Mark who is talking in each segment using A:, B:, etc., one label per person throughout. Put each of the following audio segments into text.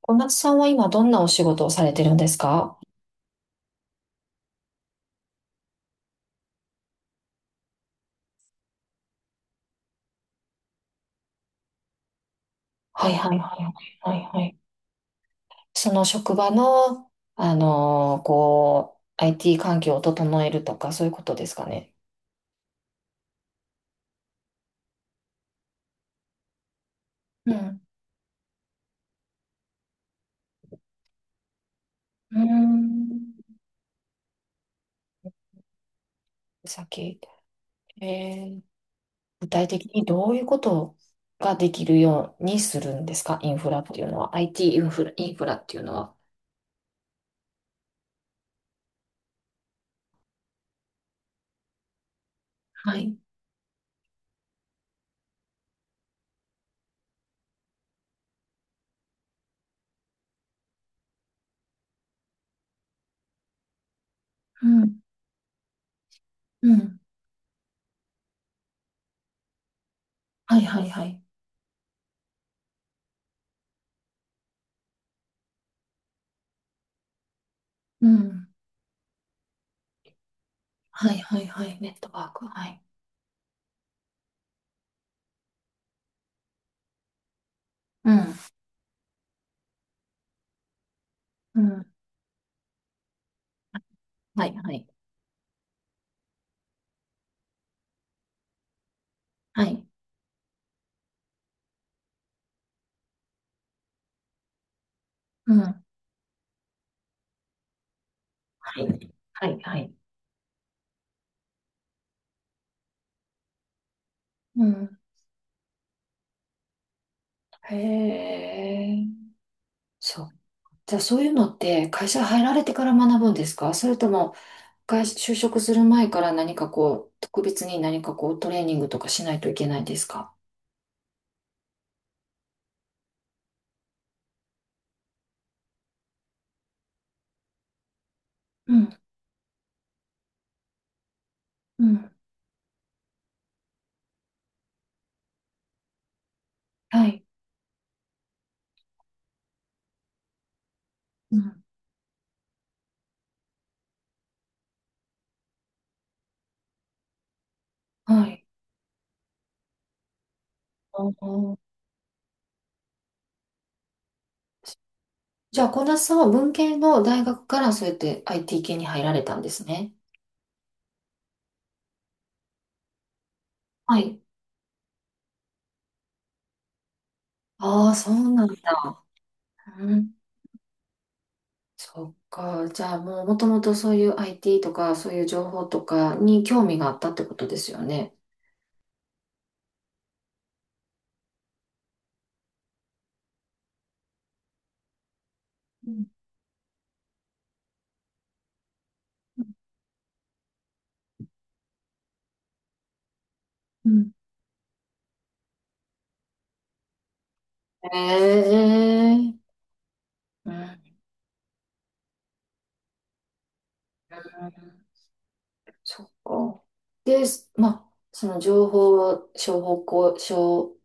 A: 小夏さんは今どんなお仕事をされてるんですか？はいはいはいはいはいはい。その職場の、IT 環境を整えるとか、そういうことですかね。うん。うーん。さっき、えー具体的にどういうことができるようにするんですかインフラっていうのは？IT イティーインフラ、インフラっていうのは？はい。うん。うん。はいはいはい。うん。はいはいはい。ネットワーク。はい。うん。うん。はいはい。はい。うん。はい。はい、はい。うん。へえ。そう。じゃあそういうのって会社入られてから学ぶんですかそれとも会社、就職する前から何かこう、特別に何かこうトレーニングとかしないといけないですか？うん。うん。はい。うん。はい。あー。じゃあ、小田さんは文系の大学からそうやって IT 系に入られたんですね。はい。ああ、そうなんだ。うん。そっか。じゃあもうもともとそういう IT とかそういう情報とかに興味があったってことですよね。うんうんへえ。うん。そっか。で、まあ、その情報商法校、商、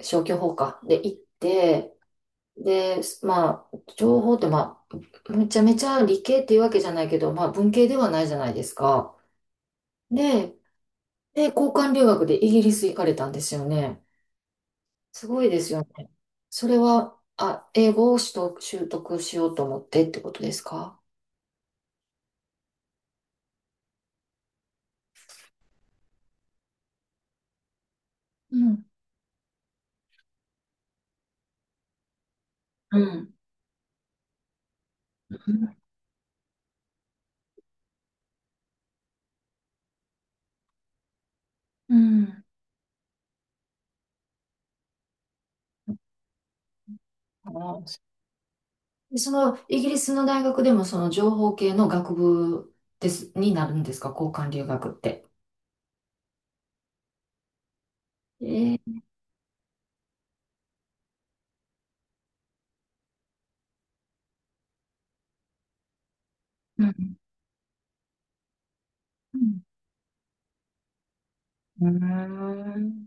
A: 消去法か。で行って、で、まあ、情報ってまあ、めちゃめちゃ理系っていうわけじゃないけど、まあ文系ではないじゃないですか。で、交換留学でイギリス行かれたんですよね。すごいですよね。それは、あ、英語を取得、習得しようと思ってってことですか？うん。うん。うんあ。でその、イギリスの大学でもその情報系の学部です、になるんですか交換留学って？えー、うんうんうん。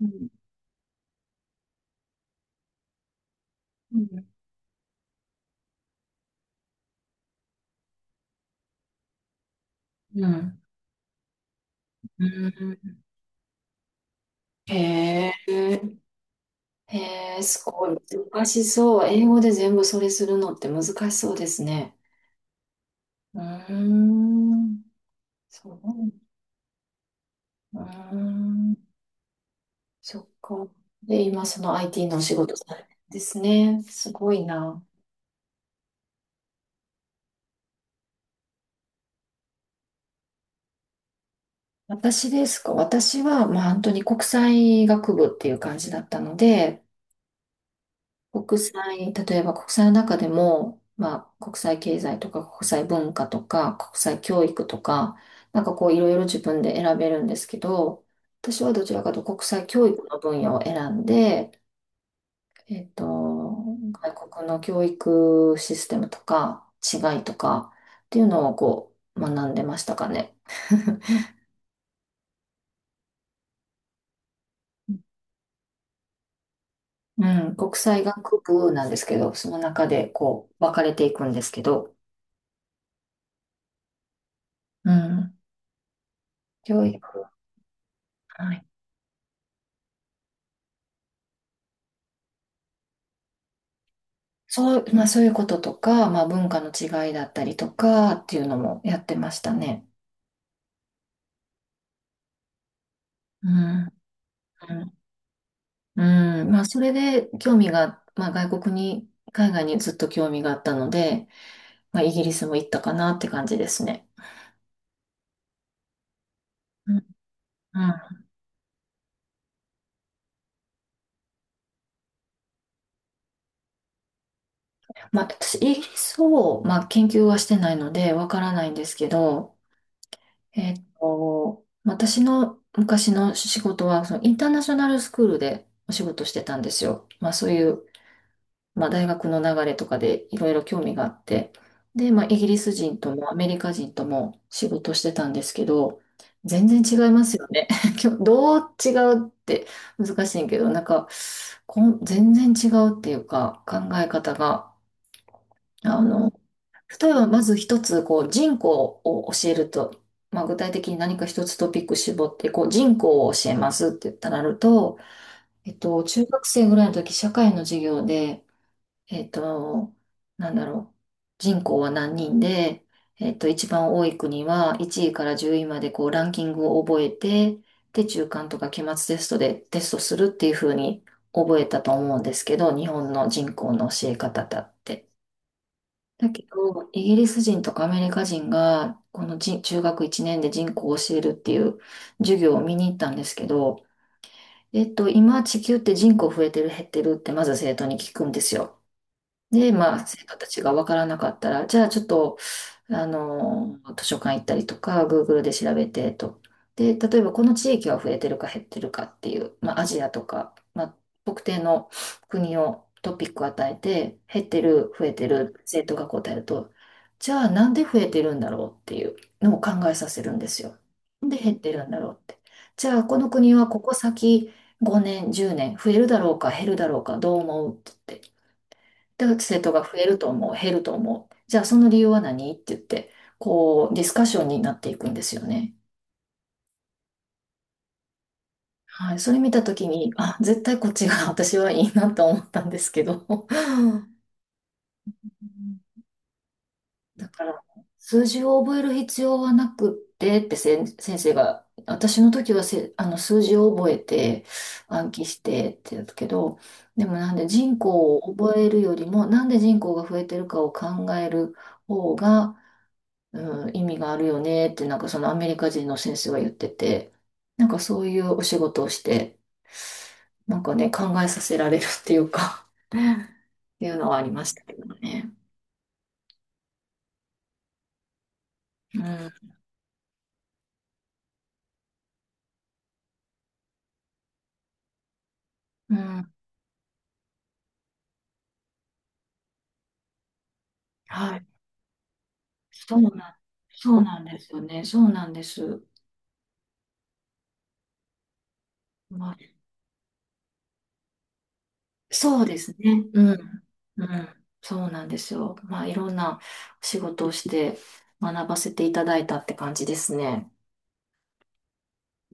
A: うんうんうん。うんへえ、へえ、すごい。難しそう。英語で全部それするのって難しそうですね。うーん。そう。うーん。そっか。で、今その IT のお仕事されてるんですね。すごいな。私ですか？私は、まあ本当に国際学部っていう感じだったので、国際、例えば国際の中でも、まあ国際経済とか国際文化とか国際教育とか、なんかこういろいろ自分で選べるんですけど、私はどちらかというと国際教育の分野を選んで、えっと、外国の教育システムとか違いとかっていうのをこう学んでましたかね。うん、国際学部なんですけど、その中でこう分かれていくんですけど、うん、教育、はい。そう、まあそういうこととか、まあ文化の違いだったりとかっていうのもやってましたね。うん、うん、うんまあそれで興味が、まあ外国に、海外にずっと興味があったので、まあ、イギリスも行ったかなって感じですね。うん。うん。まあ、私、イギリスを、まあ、研究はしてないので、わからないんですけど、私の昔の仕事は、そのインターナショナルスクールでお仕事してたんですよ。まあ、そういうまあ、大学の流れとかでいろいろ興味があって、で、まあ、イギリス人ともアメリカ人とも仕事してたんですけど、全然違いますよね。どう違うって難しいけど、なんか、全然違うっていうか、考え方が、あの、例えばまず一つ、こう、人口を教えると、まあ、具体的に何か一つトピック絞って、こう、人口を教えますって言ったらなると、中学生ぐらいの時、社会の授業で、えっと、なんだろう。人口は何人で、一番多い国は1位から10位までこうランキングを覚えて、で、中間とか期末テストでテストするっていう風に覚えたと思うんですけど、日本の人口の教え方だって。だけど、イギリス人とかアメリカ人が、この人中学1年で人口を教えるっていう授業を見に行ったんですけど、今地球って人口増えてる減ってるってまず生徒に聞くんですよ。で、まあ、生徒たちが分からなかったら、じゃあちょっと、あの、図書館行ったりとか、Google で調べてと。で、例えばこの地域は増えてるか減ってるかっていう、まあ、アジアとか、まあ、特定の国をトピックを与えて、減ってる、増えてる、生徒が答えると、じゃあなんで増えてるんだろうっていうのを考えさせるんですよ。なんで、減ってるんだろうって。じゃあこの国はここ先5年、10年増えるだろうか減るだろうかどう思うって言って。で、生徒が増えると思う、減ると思う。じゃあその理由は何って言って、こう、ディスカッションになっていくんですよね。はい。それ見たときに、あ、絶対こっちが私はいいなと思ったんですけど。うん。だから、数字を覚える必要はなくってって先生が、私の時はあの数字を覚えて暗記してって言たけど、でもなんで人口を覚えるよりも、なんで人口が増えてるかを考える方が、うん、意味があるよねってなんかそのアメリカ人の先生は言ってて、なんかそういうお仕事をして、なんかね、考えさせられるっていうかっていうのはありましたけどね。うん、うん、はい。そうなん、そうなんですよね。そうなんです。まあ、そうですね。うん。うん。そうなんですよ。まあ、いろんなお仕事をして学ばせていただいたって感じですね。